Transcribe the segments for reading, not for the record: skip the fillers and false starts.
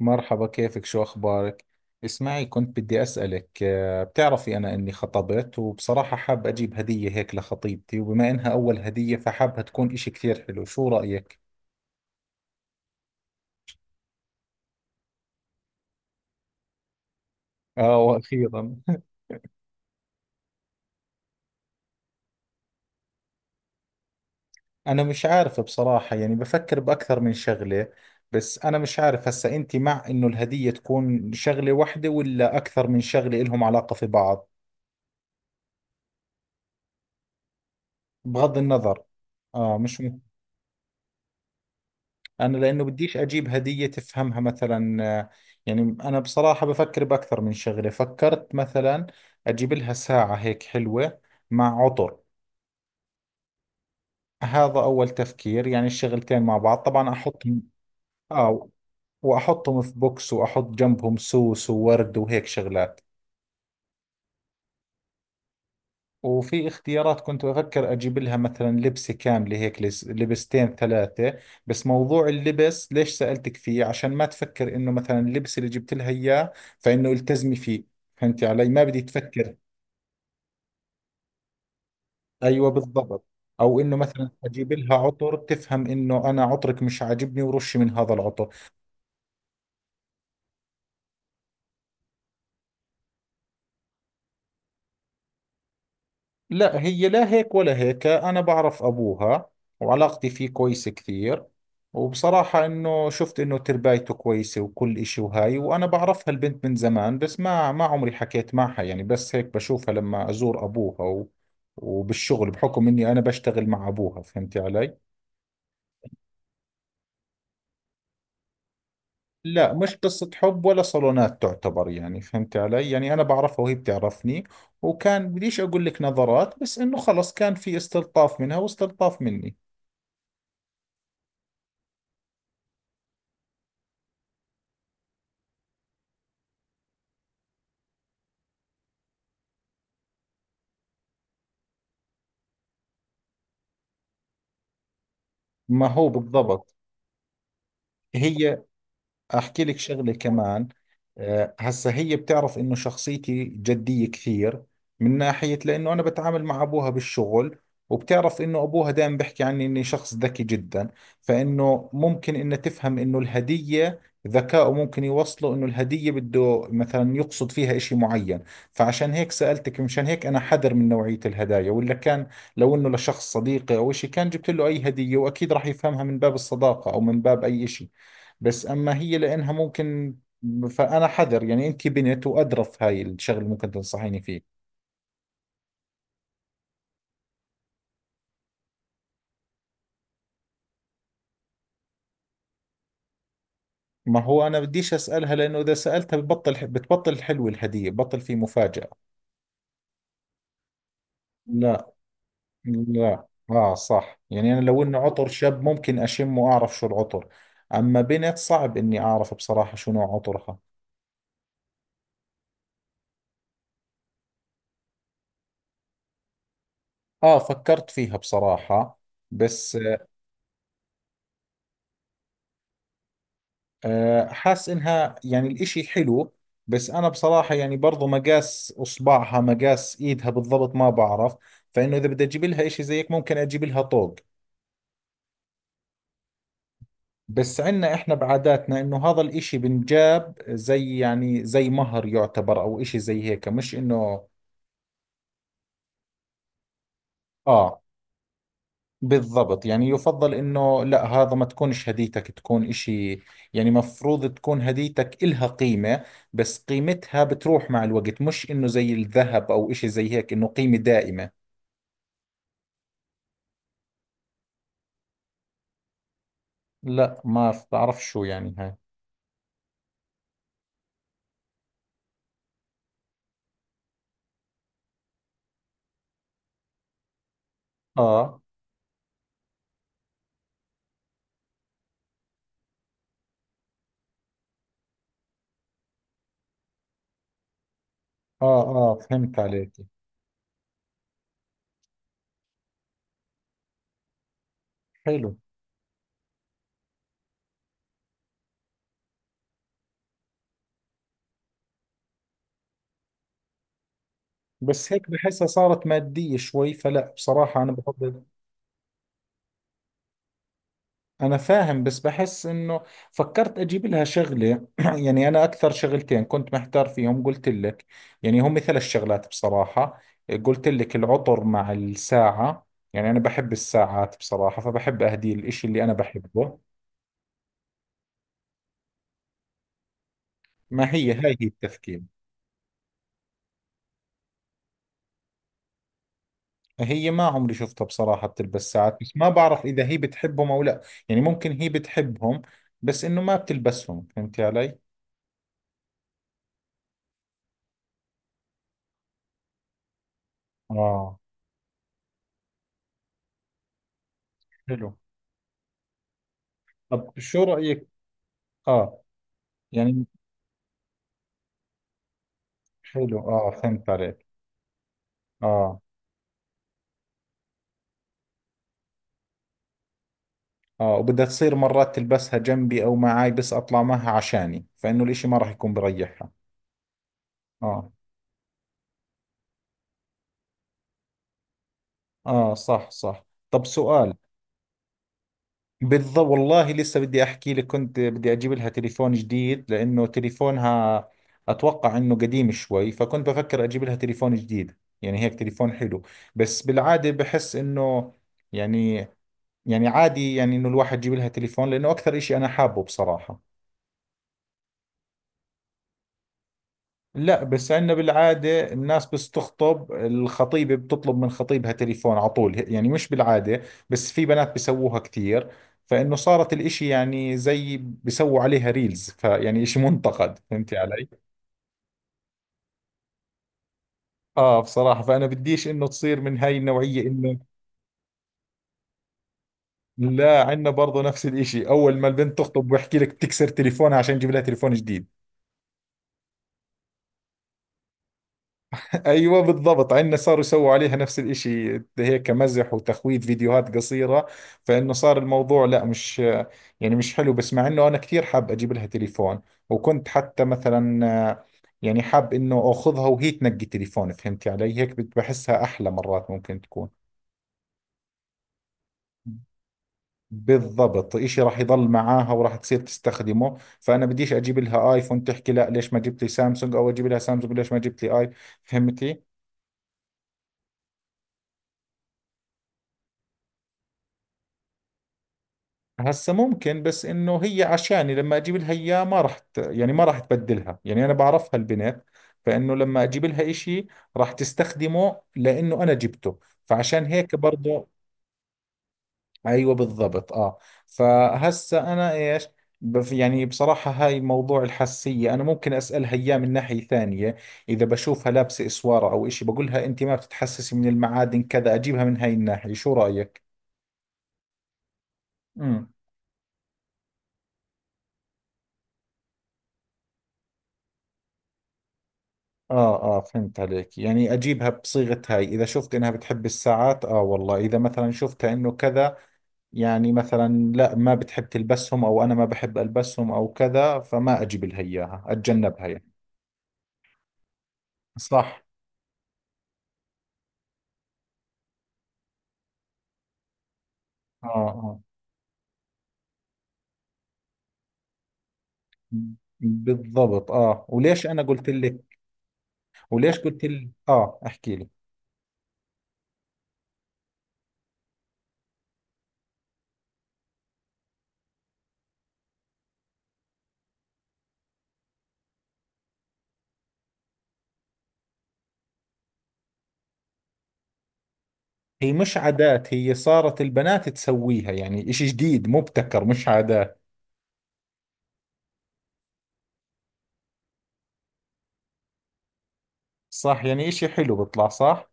مرحبا، كيفك؟ شو أخبارك؟ اسمعي، كنت بدي أسألك بتعرفي أنا إني خطبت، وبصراحة حاب أجيب هدية هيك لخطيبتي، وبما إنها أول هدية فحابها تكون إشي كثير حلو. شو رأيك؟ آه، وأخيرا. أنا مش عارف بصراحة، يعني بفكر بأكثر من شغلة. بس أنا مش عارف هسا أنت مع إنه الهدية تكون شغلة واحدة ولا أكثر من شغلة إلهم علاقة في بعض. بغض النظر. آه، مش انا لانه بديش اجيب هدية تفهمها مثلا، يعني انا بصراحة بفكر باكثر من شغلة. فكرت مثلا اجيب لها ساعة هيك حلوة مع عطر. هذا اول تفكير، يعني الشغلتين مع بعض طبعا احطهم. اه، واحطهم في بوكس واحط جنبهم سوس وورد وهيك شغلات. وفي اختيارات، كنت بفكر اجيب لها مثلا لبسة كاملة هيك، لبستين ثلاثة. بس موضوع اللبس ليش سألتك فيه؟ عشان ما تفكر انه مثلا اللبس اللي جبت لها اياه، فانه التزمي فيه. فهمتي علي؟ ما بدي تفكر ايوه بالضبط، او انه مثلا اجيب لها عطر تفهم انه انا عطرك مش عاجبني ورشي من هذا العطر. لا، هي لا هيك ولا هيك. أنا بعرف أبوها وعلاقتي فيه كويسة كثير، وبصراحة إنه شفت إنه تربايته كويسة وكل إشي. وهاي، وأنا بعرفها البنت من زمان، بس ما عمري حكيت معها، يعني بس هيك بشوفها لما أزور أبوها، و وبالشغل بحكم إني أنا بشتغل مع أبوها. فهمتي علي؟ لا، مش قصة حب ولا صالونات تعتبر، يعني فهمتي علي؟ يعني أنا بعرفها وهي بتعرفني، وكان بديش أقول لك نظرات، بس إنه خلص كان في استلطاف منها واستلطاف مني. ما هو بالضبط. هي، احكي لك شغله كمان. هسه هي بتعرف انه شخصيتي جديه كثير، من ناحيه لانه انا بتعامل مع ابوها بالشغل، وبتعرف انه ابوها دائما بيحكي عني اني شخص ذكي جدا. فانه ممكن انه تفهم انه الهديه، ذكائه ممكن يوصله انه الهديه بده مثلا يقصد فيها اشي معين. فعشان هيك سالتك. مشان هيك انا حذر من نوعيه الهدايا، ولا كان لو انه لشخص صديقي او اشي كان جبت له اي هديه، واكيد راح يفهمها من باب الصداقه او من باب اي اشي. بس أما هي لأنها ممكن، فأنا حذر. يعني أنت بنت وأدرى في هاي الشغلة اللي ممكن تنصحيني فيه. ما هو أنا بديش أسألها، لأنه إذا سألتها ببطل بتبطل حلوة الهدية، بطل في مفاجأة. لا، لا آه صح. يعني أنا لو إنه عطر شاب ممكن أشم وأعرف شو العطر، أما بنت صعب إني أعرف بصراحة شو نوع عطرها. آه، فكرت فيها بصراحة، بس أه، حاس انها يعني الاشي حلو، بس انا بصراحة يعني برضو مقاس اصبعها مقاس ايدها بالضبط ما بعرف. فانه اذا بدي اجيب لها اشي زيك ممكن اجيب لها طوق. بس عندنا احنا بعاداتنا انه هذا الاشي بنجاب زي يعني زي مهر يعتبر، او اشي زي هيك، مش انه. اه، بالضبط. يعني يفضل انه لا، هذا ما تكونش هديتك، تكون اشي. يعني مفروض تكون هديتك إلها قيمة، بس قيمتها بتروح مع الوقت، مش انه زي الذهب او اشي زي هيك انه قيمة دائمة. لا، ما بعرف شو يعني هاي. اه، اه، اه، فهمت عليك. حلو. بس هيك بحسها صارت مادية شوي، فلا بصراحة انا بفضل. أنا فاهم، بس بحس إنه فكرت أجيب لها شغلة. يعني أنا أكثر شغلتين كنت محتار فيهم قلت لك، يعني هم ثلاث شغلات بصراحة. قلت لك العطر مع الساعة. يعني أنا بحب الساعات بصراحة، فبحب أهدي الإشي اللي أنا بحبه. ما هي هاي هي التفكير. هي ما عمري شفتها بصراحة بتلبس ساعات، بس ما بعرف إذا هي بتحبهم أو لا. يعني ممكن هي بتحبهم، بس إنه ما بتلبسهم. فهمتي علي؟ آه. حلو. طب شو رأيك؟ آه. يعني حلو اه، فهمت عليك. اه، اه وبدها تصير مرات تلبسها جنبي او معاي، بس اطلع معها عشاني، فانه الاشي ما راح يكون بريحها. اه، اه صح صح. طب سؤال. بالضبط والله، لسه بدي احكي لك، كنت بدي اجيب لها تليفون جديد لانه تليفونها اتوقع انه قديم شوي، فكنت بفكر اجيب لها تليفون جديد، يعني هيك تليفون حلو. بس بالعادة بحس انه يعني، يعني عادي، يعني انه الواحد يجيب لها تليفون، لانه اكثر اشي انا حابه بصراحة. لا، بس عندنا بالعادة الناس بس تخطب الخطيبة بتطلب من خطيبها تليفون على طول، يعني مش بالعادة، بس في بنات بيسووها كثير. فإنه صارت الإشي يعني زي بيسووا عليها ريلز، فيعني إشي منتقد. فهمتي علي؟ آه، بصراحة، فأنا بديش إنه تصير من هاي النوعية إنه. لا، عندنا برضه نفس الإشي، أول ما البنت تخطب بحكي لك تكسر تليفونها عشان يجيب لها تليفون جديد. ايوه بالضبط، عندنا صاروا يسووا عليها نفس الاشي هيك مزح وتخويف، فيديوهات قصيره. فانه صار الموضوع لا، مش يعني مش حلو، بس مع انه انا كثير حاب اجيب لها تليفون، وكنت حتى مثلا، آه، يعني حاب انه اخذها وهي تنقي تليفون. فهمتي علي؟ هيك بحسها احلى، مرات ممكن تكون. بالضبط، اشي راح يضل معاها وراح تصير تستخدمه. فانا بديش اجيب لها ايفون تحكي لا ليش ما جبت لي سامسونج، او اجيب لها سامسونج ليش ما جبت لي اي. فهمتي؟ هسا ممكن، بس انه هي عشاني لما اجيب لها اياه ما راح يعني ما راح تبدلها، يعني انا بعرفها البنت. فانه لما اجيب لها اشي راح تستخدمه لانه انا جبته، فعشان هيك برضه. ايوه بالضبط اه. فهسا انا ايش؟ يعني بصراحة هاي موضوع الحساسية، أنا ممكن أسألها إياه من ناحية ثانية. إذا بشوفها لابسة إسوارة أو إشي بقولها أنت ما بتتحسسي من المعادن كذا، أجيبها من هاي الناحية. شو رأيك؟ آه آه، فهمت عليك. يعني أجيبها بصيغة هاي إذا شفت إنها بتحب الساعات. آه والله، إذا مثلا شفتها إنه كذا، يعني مثلا لا، ما بتحب تلبسهم، أو أنا ما بحب ألبسهم أو كذا، فما أجيب لها إياها، أتجنبها يعني. صح. آه آه بالضبط. آه وليش أنا قلت لك، وليش قلت لك آه، أحكي لك. هي مش عادات، هي صارت البنات تسويها، يعني إشي جديد مبتكر، مش عادات. صح، يعني إشي حلو بيطلع صح.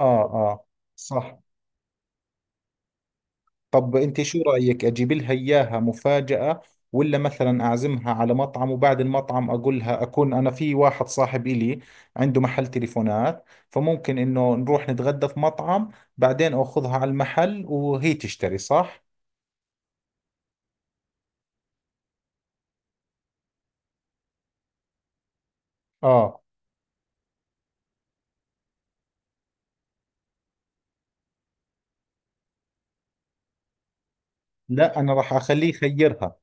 آه آه صح. طب انت شو رأيك، اجيب لها اياها مفاجأة، ولا مثلا اعزمها على مطعم، وبعد المطعم اقول لها، اكون انا في واحد صاحب الي عنده محل تليفونات، فممكن انه نروح نتغدى في مطعم، بعدين اخذها على المحل وهي تشتري، صح؟ اه، لا انا راح اخليه يخيرها.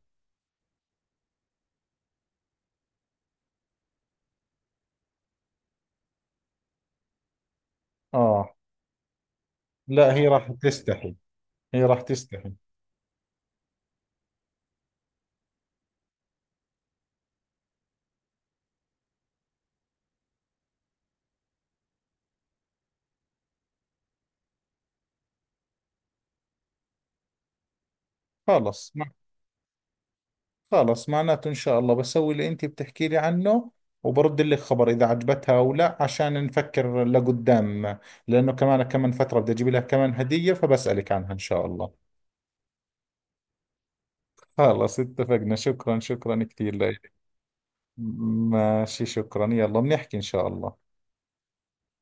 اه، لا هي راح تستحي، هي راح تستحي. خلص. خلص، معناته إن شاء الله بسوي اللي أنت بتحكي لي عنه، وبرد لك خبر إذا عجبتها أو لا، عشان نفكر لقدام. لأنه كمان كمان فترة بدي أجيب لها كمان هدية، فبسألك عنها إن شاء الله. خلص اتفقنا، شكرا، شكرا كثير لك. ماشي، شكرا، يلا بنحكي إن شاء الله.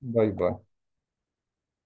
باي باي.